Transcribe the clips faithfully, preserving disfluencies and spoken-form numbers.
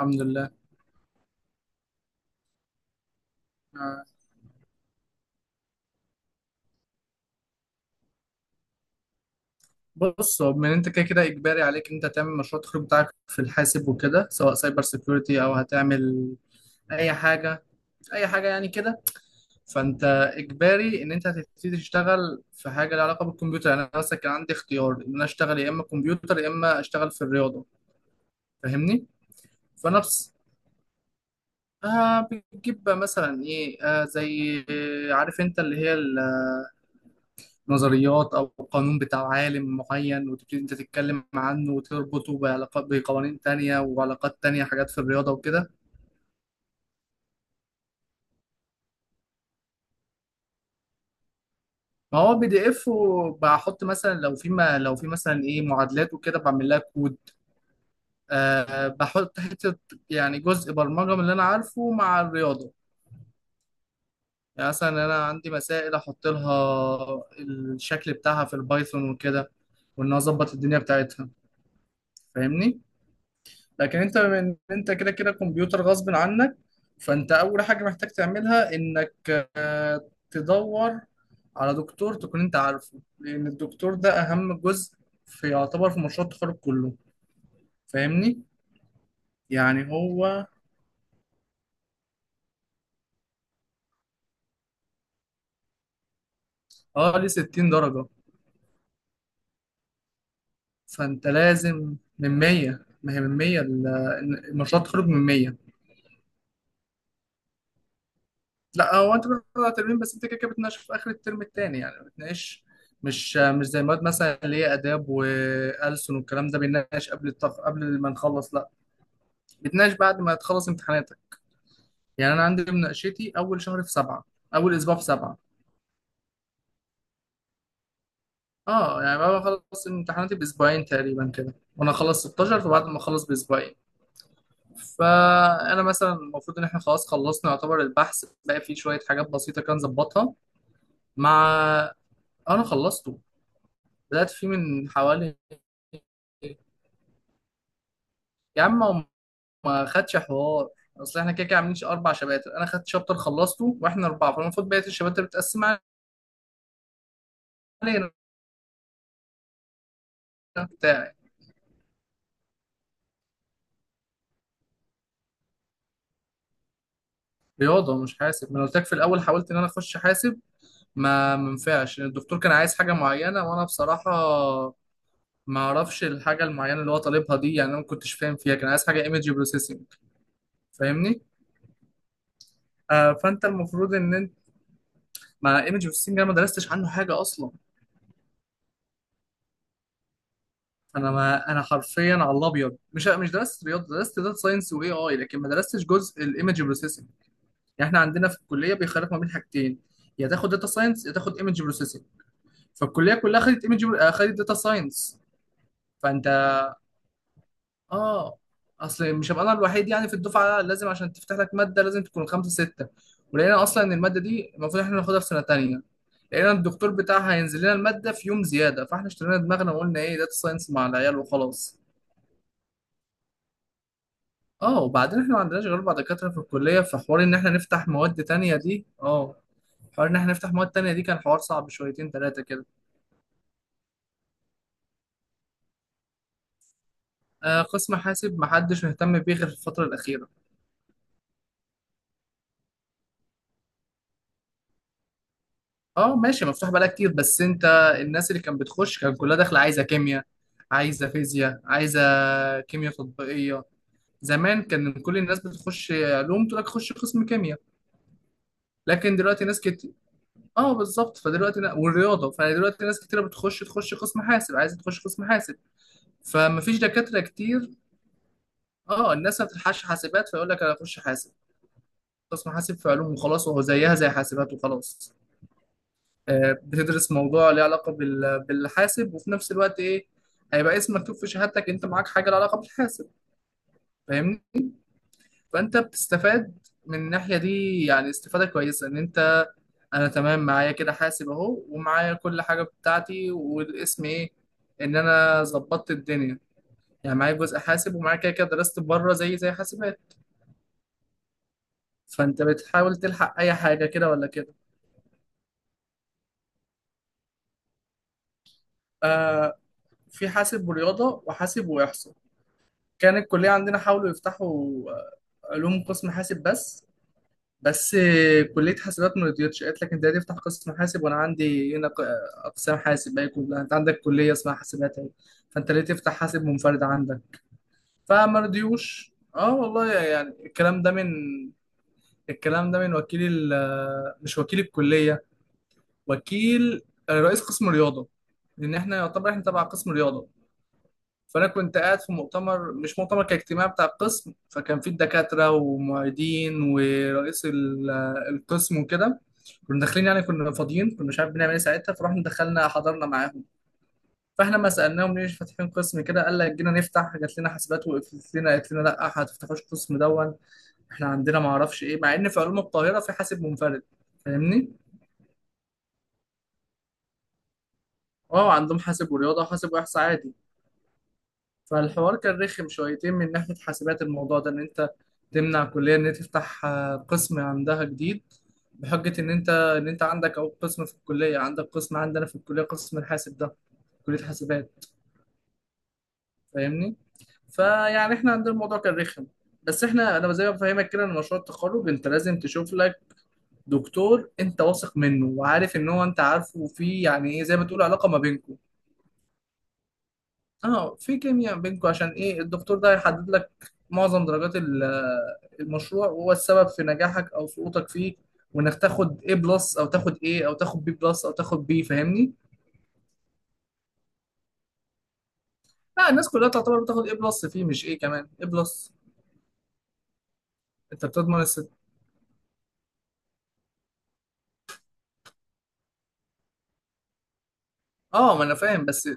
الحمد لله. آه، بص، هو من انت كده كده اجباري عليك انت تعمل مشروع التخرج بتاعك في الحاسب وكده، سواء سايبر سيكيورتي او هتعمل اي حاجه، اي حاجه يعني كده. فانت اجباري ان انت هتبتدي تشتغل في حاجه لها علاقه بالكمبيوتر. يعني انا مثلا كان عندي اختيار ان انا اشتغل يا اما كمبيوتر يا اما اشتغل في الرياضه. فاهمني؟ فنفس آه بتجيب بقى مثلا ايه، آه زي، آه، عارف انت اللي هي نظريات او قانون بتاع عالم معين، وتبتدي انت تتكلم عنه وتربطه بعلاقات، بقوانين تانية وعلاقات تانية، حاجات في الرياضة وكده. ما هو بي دي اف، وبحط مثلا لو في، ما لو في مثلا ايه معادلات وكده بعمل لها كود. أه بحط حتة، يعني جزء برمجة من اللي انا عارفه مع الرياضة. يعني مثلا انا عندي مسائل، احط لها الشكل بتاعها في البايثون وكده، وان أنا اظبط الدنيا بتاعتها. فاهمني؟ لكن انت من انت كده كده كمبيوتر غصب عنك. فانت اول حاجه محتاج تعملها انك آه، تدور على دكتور تكون انت عارفه، لان الدكتور ده اهم جزء في، يعتبر في مشروع التخرج كله. فاهمني؟ يعني هو، اه ليه ستين درجه. فانت لازم من مية، ما هي من مية ال- مشروع التخرج من مية. لا، هو انت بتطلع ترمين، بس انت كده كده بتناقش في اخر الترم التاني. يعني بتناقش، مش مش زي مواد مثلا اللي هي اداب والسن والكلام ده بنناقش قبل الطف... قبل ما نخلص، لا بتناقش بعد ما تخلص امتحاناتك. يعني انا عندي مناقشتي اول شهر في سبعه، اول اسبوع في سبعه. اه يعني بعد ما اخلص امتحاناتي باسبوعين تقريبا كده، وانا اخلص ستاشر، فبعد ما اخلص باسبوعين. فانا مثلا المفروض ان احنا خلاص خلصنا، يعتبر البحث بقى فيه شويه حاجات بسيطه كان ظبطها. مع انا خلصت بدأت فيه من حوالي. يا عم هو ما خدش حوار. اصل احنا كده كده عاملين اربع شباتر، انا خدت شابتر خلصته، واحنا اربعه فالمفروض بقيه الشباتر بتقسم علينا. بتاعي رياضه مش حاسب. ما انا قلت لك في الاول حاولت ان انا اخش حاسب، ما منفعش. الدكتور كان عايز حاجه معينه، وانا بصراحه ما اعرفش الحاجه المعينه اللي هو طالبها دي. يعني انا ما كنتش فاهم فيها، كان عايز حاجه ايمج بروسيسنج. فاهمني؟ آه فانت المفروض ان انت، ما ايمج بروسيسنج انا ما درستش عنه حاجه اصلا. انا ما انا حرفيا على الابيض مش مش درست رياضه، درست داتا ساينس واي اي، لكن ما درستش جزء الايمج بروسيسنج. يعني احنا عندنا في الكليه بيخالف ما بين حاجتين، يا تاخد داتا ساينس يا تاخد ايمج بروسيسنج. فالكليه كلها خدت ايمج، خدت داتا ساينس. فانت اه، اصل مش هبقى انا الوحيد يعني في الدفعه، لازم عشان تفتح لك ماده لازم تكون خمسه سته. ولقينا اصلا ان الماده دي المفروض احنا ناخدها في سنه تانيه. لقينا الدكتور بتاعها هينزل لنا الماده في يوم زياده، فاحنا اشترينا دماغنا وقلنا ايه داتا ساينس مع العيال وخلاص. اه وبعدين احنا ما عندناش غير اربع دكاتره في الكليه، فحوار ان احنا نفتح مواد تانية دي اه حوار ان احنا نفتح مواد تانية دي كان حوار صعب شويتين ثلاثه كده. آه قسم حاسب ما حدش مهتم بيه غير في الفتره الاخيره. اه ماشي، مفتوح بقالها كتير، بس انت الناس اللي كانت بتخش كان كلها داخله عايزه كيمياء، عايزه فيزياء، عايزه كيمياء تطبيقيه. زمان كان كل الناس بتخش علوم تقول لك خش قسم كيمياء. لكن دلوقتي ناس كتير، اه بالظبط، فدلوقتي نا... والرياضه فدلوقتي ناس كتيره بتخش تخش قسم حاسب، عايزه تخش قسم حاسب. فما فيش دكاترة كتير. اه الناس ما بتلحقش حاسبات فيقول لك انا اخش حاسب، قسم حاسب في علوم وخلاص، وهو زيها زي حاسبات وخلاص. آه، بتدرس موضوع ليه علاقة بال- بالحاسب، وفي نفس الوقت ايه، هيبقى اسم مكتوب في شهادتك انت معاك حاجة لها علاقة بالحاسب. فاهمني؟ فانت بتستفاد من الناحية دي. يعني استفادة كويسة ان انت، انا تمام معايا كده حاسب اهو، ومعايا كل حاجة بتاعتي، والاسم ايه، ان انا ظبطت الدنيا. يعني معايا جزء حاسب ومعايا كده كده درست بره زي زي حاسبات. فانت بتحاول تلحق اي حاجه كده ولا كده. آه في حاسب ورياضه، وحاسب واحصاء. كان الكليه عندنا حاولوا يفتحوا آه، علوم قسم حاسب بس. بس آه، كليه حاسبات ما رضيتش، قالت لك انت هتفتح قسم حاسب وانا عندي هنا ق- اقسام حاسب، باقي كلها انت عندك كليه اسمها حاسبات اهي، فانت ليه تفتح حاسب منفرد عندك؟ فما رضيوش. اه والله، يعني الكلام ده من، الكلام ده من وكيل ال- مش وكيل الكليه، وكيل آه، رئيس قسم رياضه، لان احنا يعتبر احنا تبع قسم رياضه. فانا كنت قاعد في مؤتمر، مش مؤتمر، كاجتماع بتاع القسم، فكان فيه الدكاتره ومعيدين ورئيس ال- آه، القسم وكده. كنا داخلين، يعني كنا فاضيين، كنا مش عارف بنعمل ايه ساعتها، فرحنا دخلنا حضرنا معاهم. فاحنا ما سالناهم ليش فاتحين قسم كده، قال لك جينا نفتح جات لنا حاسبات وقفلت لنا، قالت لنا لا هتفتحوش قسم دون. احنا عندنا ما اعرفش ايه، مع ان في علوم القاهره في حاسب منفرد. فاهمني؟ اه عندهم حاسب ورياضه وحاسب واحصاء عادي. فالحوار كان رخم شويتين من ناحية حاسبات، الموضوع ده إن أنت تمنع كلية إن هي تفتح آه، قسم عندها جديد، بحجة إن أنت، إن أنت عندك أهو قسم في الكلية، عندك قسم عندنا في الكلية قسم الحاسب ده، كلية حاسبات. فاهمني؟ فيعني إحنا عندنا الموضوع كان رخم. بس إحنا، أنا زي ما بفهمك كده، إن مشروع التخرج أنت لازم تشوف لك دكتور أنت واثق منه وعارف إن هو أنت عارفه، وفيه يعني إيه، زي ما تقول علاقة ما بينكم. اه في كيمياء بينكم، عشان ايه؟ الدكتور ده هيحدد لك معظم درجات ال- المشروع، وهو السبب في نجاحك او سقوطك فيه، وانك تاخد A بلس او تاخد A او تاخد B بلس او تاخد B. فاهمني؟ لا الناس كلها تعتبر بتاخد A بلس فيه، مش A كمان، A بلس. انت بتضمن الست؟ اه ما انا فاهم، بس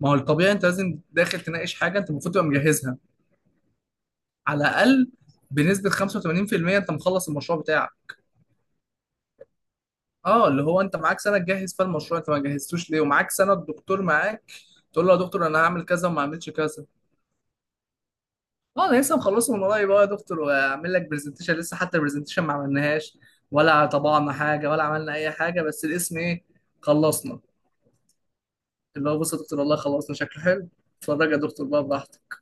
ما هو الطبيعي انت لازم داخل تناقش حاجه انت المفروض تبقى مجهزها على الاقل بنسبه خمسة وثمانين في المئة. انت مخلص المشروع بتاعك؟ اه اللي هو انت معاك سنه تجهز فيها المشروع، انت ما جهزتوش ليه ومعاك سنه؟ الدكتور معاك، تقول له يا دكتور انا هعمل كذا، وما عملتش كذا. اه انا لسه مخلصه من قريب، اه يا دكتور واعمل لك برزنتيشن. لسه حتى البرزنتيشن ما عملناهاش، ولا طبعنا حاجه، ولا عملنا اي حاجه، بس الاسم ايه، خلصنا. اللي هو بص يا دكتور والله خلصنا، شكله حلو، اتفرج يا دكتور بقى براحتك.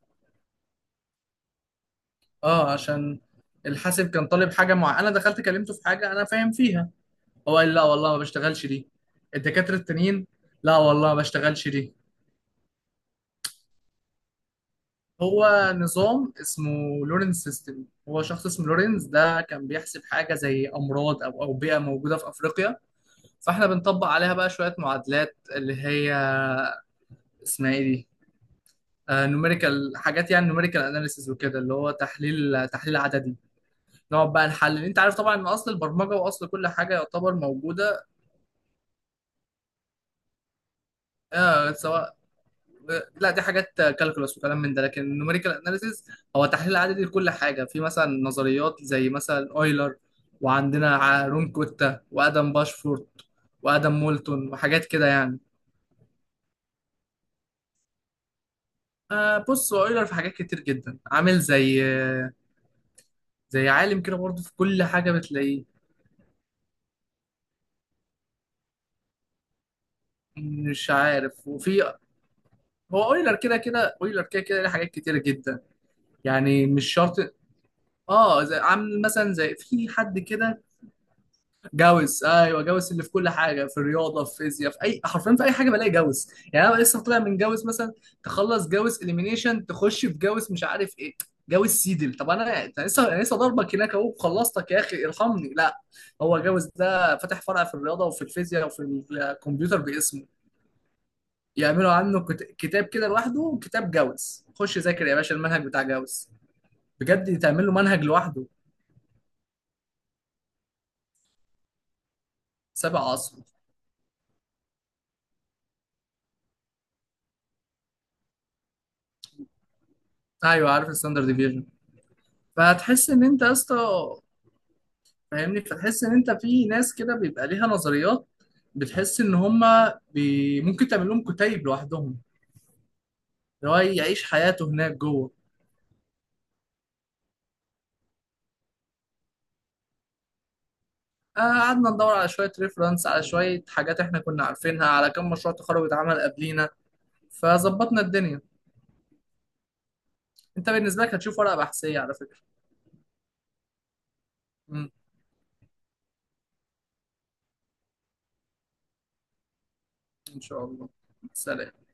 اه عشان الحاسب كان طالب حاجه معينه، انا دخلت كلمته في حاجه انا فاهم فيها. هو قال لي لا والله ما بشتغلش دي. الدكاتره التانيين، لا والله ما بشتغلش دي. هو نظام اسمه لورنز سيستم، هو شخص اسمه لورنز ده كان بيحسب حاجة زي أمراض أو أوبئة موجودة في أفريقيا. فإحنا بنطبق عليها بقى شوية معادلات اللي هي اسمها إيه دي؟ نوميريكال حاجات، يعني نوميريكال أناليسيز وكده، اللي هو تحليل تحليل عددي. نقعد بقى نحلل، أنت عارف طبعا إن أصل البرمجة وأصل كل حاجة يعتبر موجودة. آه سواء، لا دي حاجات كالكولس وكلام من ده، لكن النوميريكال اناليسيز هو تحليل عددي لكل حاجه، في مثلا نظريات زي مثلا اويلر، وعندنا ع- رون كوتا، وادم باشفورت، وادم مولتون، وحاجات كده يعني. آه بص هو اويلر في حاجات كتير جدا، عامل زي زي عالم كده برضه في كل حاجه بتلاقيه. مش عارف، وفي، هو اويلر كده كده، اويلر كده كده ليه حاجات كتير جدا، يعني مش شرط. اه زي عامل مثلا زي في حد كده، جوز، ايوه جوز اللي في كل حاجه، في الرياضه، في فيزياء، في اي، حرفيا في اي حاجه بلاقي جوز، يعني انا لسه طالع من جوز مثلا. تخلص جوز اليمينيشن تخش في جوز مش عارف ايه، جوز سيدل. طب انا، أنا لسه أنا لسه ضربك هناك اهو، خلصتك يا اخي، ارحمني، لا. هو جوز ده فاتح فرع في الرياضه وفي الفيزياء وفي الكمبيوتر باسمه. يعملوا عنه كت- كتاب كده لوحده. كتاب جوز، خش ذاكر يا باشا المنهج بتاع جوز، بجد تعمل له منهج لوحده، سابع عصره. ايوه عارف الستاندرد ديفيجن. فهتحس ان انت يا اسطى، فاهمني؟ فتحس ان انت، في ناس كده بيبقى ليها نظريات، بتحس ان هم بي... ممكن تعمل لهم كتيب لوحدهم، اللي هو يعيش حياته هناك جوه. آه، قعدنا ندور على شويه ريفرنس، على شويه حاجات احنا كنا عارفينها، على كم مشروع تخرج اتعمل قبلينا، فظبطنا الدنيا. انت بالنسبه لك هتشوف ورقه بحثيه على فكره. امم، ان شاء الله. سلام.